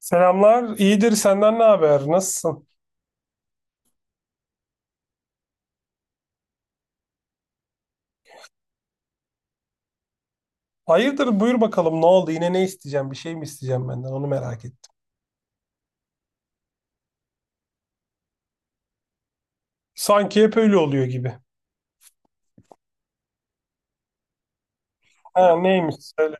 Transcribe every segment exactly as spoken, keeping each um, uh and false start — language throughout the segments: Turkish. Selamlar, iyidir. Senden ne haber? Nasılsın? Hayırdır, buyur bakalım. Ne oldu? Yine ne isteyeceğim? Bir şey mi isteyeceğim benden? Onu merak ettim. Sanki hep öyle oluyor gibi. Ha, neymiş? Söyle.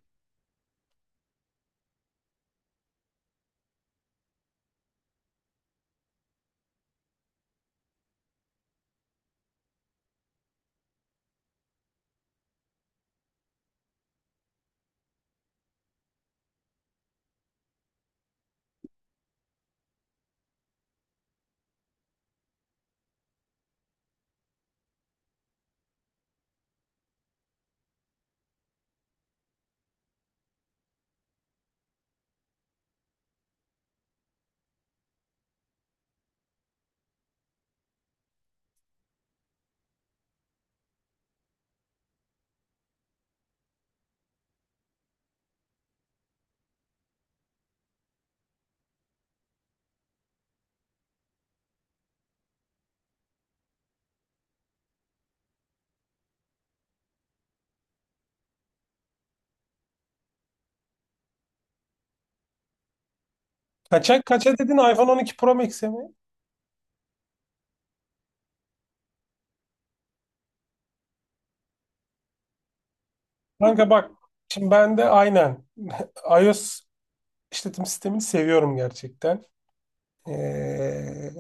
Kaça, kaça dedin? iPhone on iki Pro Max'e mi? Kanka bak, şimdi ben de aynen iOS işletim sistemini seviyorum gerçekten. Ee,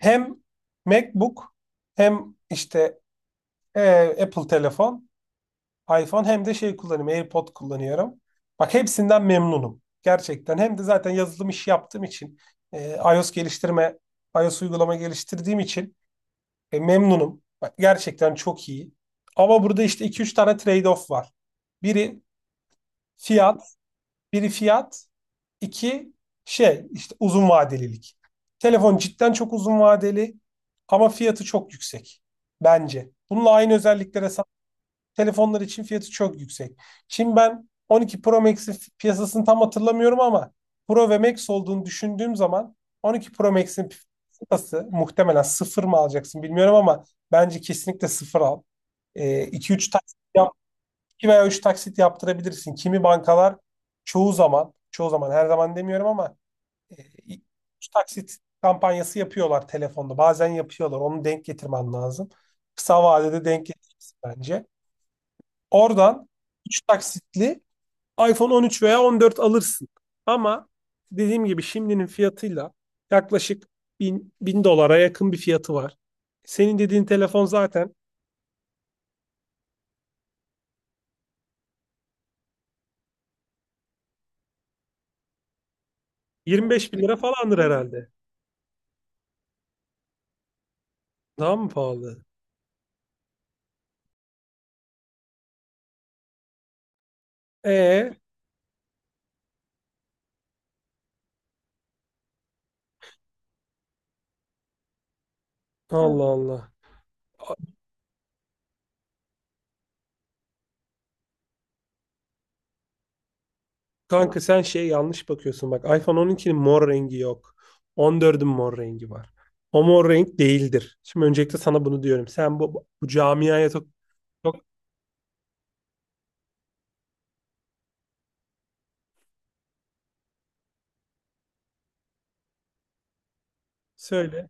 hem MacBook hem işte e, Apple telefon iPhone hem de şey kullanıyorum. AirPod kullanıyorum. Bak hepsinden memnunum. Gerçekten. Hem de zaten yazılım işi yaptığım için e, iOS geliştirme, iOS uygulama geliştirdiğim için e, memnunum. Bak, gerçekten çok iyi. Ama burada işte iki üç tane trade-off var. Biri fiyat, biri fiyat, iki şey işte uzun vadelilik. Telefon cidden çok uzun vadeli ama fiyatı çok yüksek bence. Bununla aynı özelliklere sahip telefonlar için fiyatı çok yüksek. Şimdi ben on iki Pro Max'in piyasasını tam hatırlamıyorum ama Pro ve Max olduğunu düşündüğüm zaman on iki Pro Max'in piyasası muhtemelen sıfır mı alacaksın bilmiyorum ama bence kesinlikle sıfır al. iki üç taksit yap, iki veya üç taksit yaptırabilirsin. Kimi bankalar çoğu zaman, çoğu zaman her zaman demiyorum ama e, üç taksit kampanyası yapıyorlar telefonda. Bazen yapıyorlar. Onu denk getirmen lazım. Kısa vadede denk getirirsin bence. Oradan üç taksitli iPhone on üç veya on dört alırsın. Ama dediğim gibi şimdinin fiyatıyla yaklaşık bin bin dolara yakın bir fiyatı var. Senin dediğin telefon zaten yirmi beş bin lira falandır herhalde. Daha mı pahalı? E Allah Allah. A- Kanka sen şey yanlış bakıyorsun. Bak iPhone on ikinin mor rengi yok. on dördün mor rengi var. O mor renk değildir. Şimdi öncelikle sana bunu diyorum. Sen bu, bu camiaya çok, çok söyle.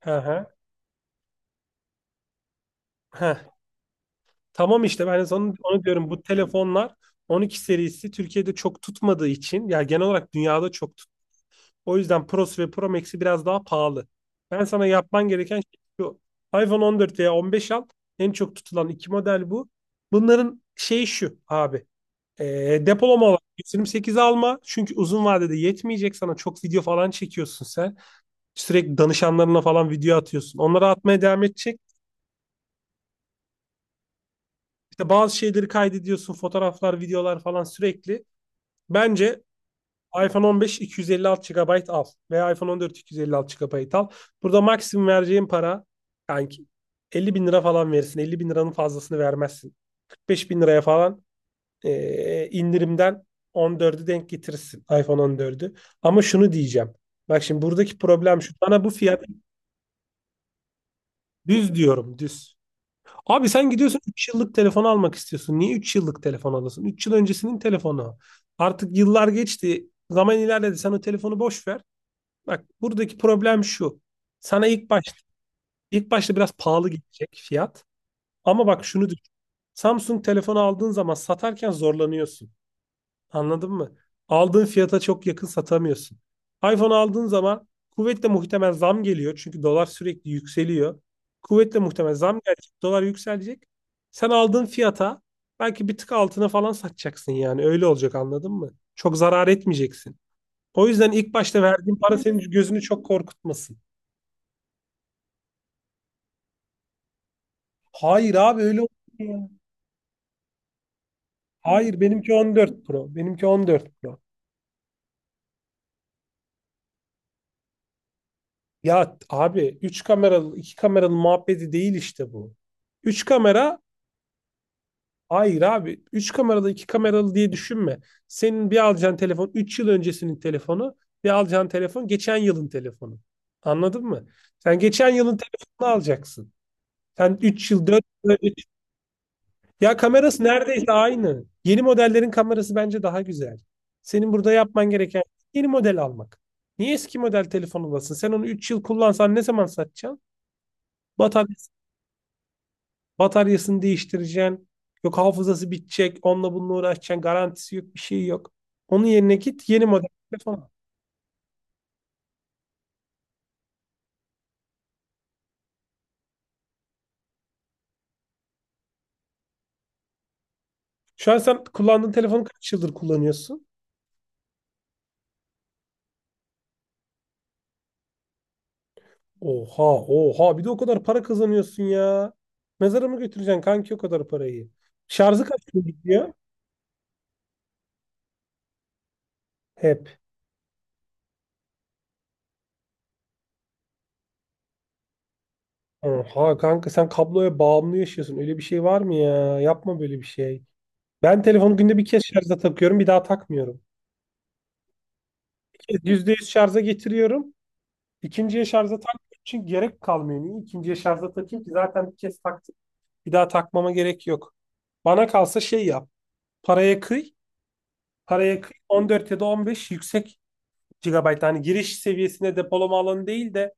Hı hı. Heh. Tamam işte ben de sana onu diyorum bu telefonlar on iki serisi Türkiye'de çok tutmadığı için ya genel olarak dünyada çok tut. O yüzden Pro'su ve Pro Max'i biraz daha pahalı. Ben sana yapman gereken şey şu. iPhone on dört veya on beş al. En çok tutulan iki model bu. Bunların şeyi şu abi. E, depolama olarak yüz yirmi sekiz alma. Çünkü uzun vadede yetmeyecek sana. Çok video falan çekiyorsun sen. Sürekli danışanlarına falan video atıyorsun. Onları atmaya devam edecek. İşte bazı şeyleri kaydediyorsun. Fotoğraflar, videolar falan sürekli. Bence iPhone on beş iki yüz elli iki yüz elli altı gigabayt al veya iPhone on dört iki yüz elli iki yüz elli altı gigabayt al. Burada maksimum vereceğin para kanki elli bin lira falan verirsin. Elli bin liranın fazlasını vermezsin. Kırk beş bin liraya falan eee, indirimden on dördü denk getirirsin iPhone on dördü. Ama şunu diyeceğim. Bak şimdi buradaki problem şu. Bana bu fiyat düz diyorum düz. Abi sen gidiyorsun üç yıllık telefon almak istiyorsun. Niye üç yıllık telefon alasın? Üç yıl öncesinin telefonu. Artık yıllar geçti. Zaman ilerledi. Sen o telefonu boş ver. Bak buradaki problem şu. Sana ilk başta ilk başta biraz pahalı gelecek fiyat. Ama bak şunu düşün. Samsung telefonu aldığın zaman satarken zorlanıyorsun. Anladın mı? Aldığın fiyata çok yakın satamıyorsun. iPhone aldığın zaman kuvvetle muhtemel zam geliyor. Çünkü dolar sürekli yükseliyor. Kuvvetle muhtemel zam gelecek. Dolar yükselecek. Sen aldığın fiyata belki bir tık altına falan satacaksın yani. Öyle olacak anladın mı? Çok zarar etmeyeceksin. O yüzden ilk başta verdiğin para senin gözünü çok korkutmasın. Hayır abi öyle olmuyor ya. Hayır benimki on dört Pro. Benimki on dört Pro. Ya abi üç kameralı iki kameralı muhabbeti değil işte bu. Üç kamera hayır abi üç kameralı iki kameralı diye düşünme. Senin bir alacağın telefon üç yıl öncesinin telefonu, bir alacağın telefon geçen yılın telefonu. Anladın mı? Sen geçen yılın telefonunu alacaksın. Sen üç yıl dört yıl. Ya kamerası neredeyse aynı. Yeni modellerin kamerası bence daha güzel. Senin burada yapman gereken yeni model almak. Niye eski model telefon olasın? Sen onu üç yıl kullansan ne zaman satacaksın? Bataryası, bataryasını değiştireceksin. Yok hafızası bitecek. Onunla bununla uğraşacaksın. Garantisi yok. Bir şey yok. Onun yerine git yeni model telefon al. Şu an sen kullandığın telefonu kaç yıldır kullanıyorsun? Oha oha bir de o kadar para kazanıyorsun ya. Mezara mı götüreceksin kanki o kadar parayı? Şarjı kaç gün gidiyor? He. Oha kanka sen kabloya bağımlı yaşıyorsun. Öyle bir şey var mı ya? Yapma böyle bir şey. Ben telefonu günde bir kez şarja takıyorum, bir daha takmıyorum. Bir kez yüzde yüz şarja getiriyorum. İkinciye şarja takmak için gerek kalmıyor. Niye ikinciye şarja takayım ki? Zaten bir kez taktım. Bir daha takmama gerek yok. Bana kalsa şey yap. Paraya kıy. Paraya kıy. on dört ya da on beş yüksek gigabayt. Hani giriş seviyesine depolama alanı değil de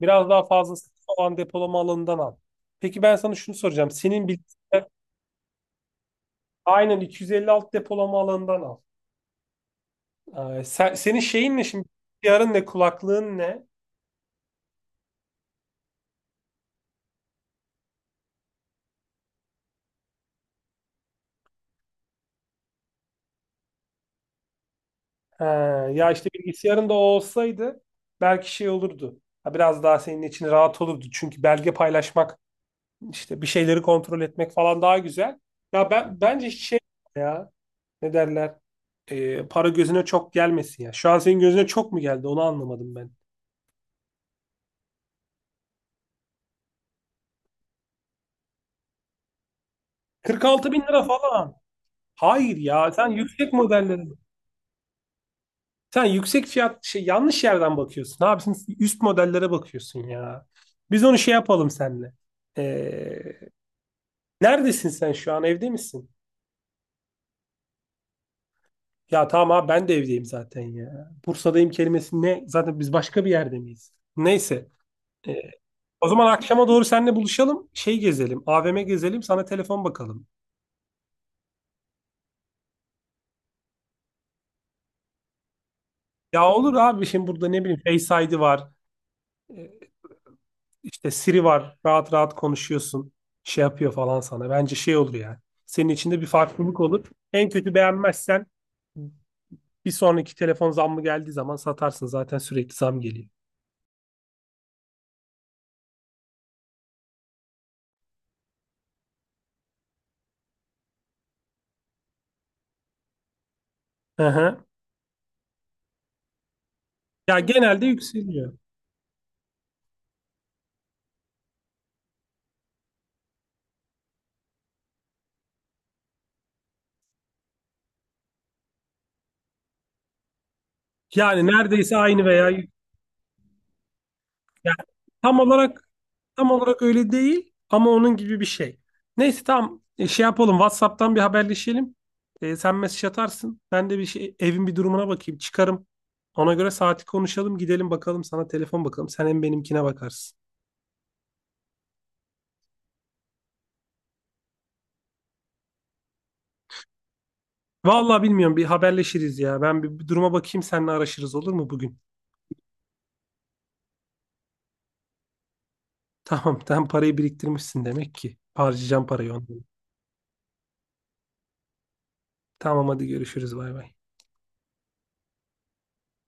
biraz daha fazlası olan depolama alanından al. Peki ben sana şunu soracağım. Senin bilgisayarın. Aynen iki yüz elli alt depolama alanından al. Ee, sen- senin şeyin ne şimdi? Bilgisayarın ne? Kulaklığın ne? He, ya işte bilgisayarın da o olsaydı belki şey olurdu. Ha, biraz daha senin için rahat olurdu. Çünkü belge paylaşmak, işte bir şeyleri kontrol etmek falan daha güzel. Ya ben bence şey ya, ne derler? Ee, para gözüne çok gelmesin ya. Şu an senin gözüne çok mu geldi? Onu anlamadım ben. kırk altı bin lira falan. Hayır ya sen yüksek modelleri. Sen yüksek fiyat şey yanlış yerden bakıyorsun. Abi sen üst modellere bakıyorsun ya. Biz onu şey yapalım seninle. Ee, neredesin sen şu an? Evde misin? Ya tamam abi ben de evdeyim zaten ya. Bursa'dayım kelimesi ne? Zaten biz başka bir yerde miyiz? Neyse. Ee, o zaman akşama doğru seninle buluşalım. Şey gezelim. A V M gezelim. Sana telefon bakalım. Ya olur abi şimdi burada ne bileyim Face I D var. Ee, İşte Siri var. Rahat rahat konuşuyorsun. Şey yapıyor falan sana. Bence şey olur yani. Senin içinde bir farklılık olur. En kötü beğenmezsen bir sonraki telefon zammı geldiği zaman satarsın. Zaten sürekli zam geliyor. Hı hı. Ya genelde yükseliyor. Yani neredeyse aynı veya yük- yani tam olarak. Tam olarak öyle değil ama onun gibi bir şey. Neyse tamam. E, şey yapalım, WhatsApp'tan bir haberleşelim. E, sen mesaj atarsın. Ben de bir şey, evin bir durumuna bakayım çıkarım. Ona göre saati konuşalım, gidelim bakalım sana telefon bakalım. Sen hem benimkine bakarsın. Vallahi bilmiyorum, bir haberleşiriz ya. Ben bir, bir duruma bakayım, seninle araşırız olur mu bugün? Tamam sen parayı biriktirmişsin demek ki. Harcayacağım parayı ondan. Tamam hadi görüşürüz, bay bay.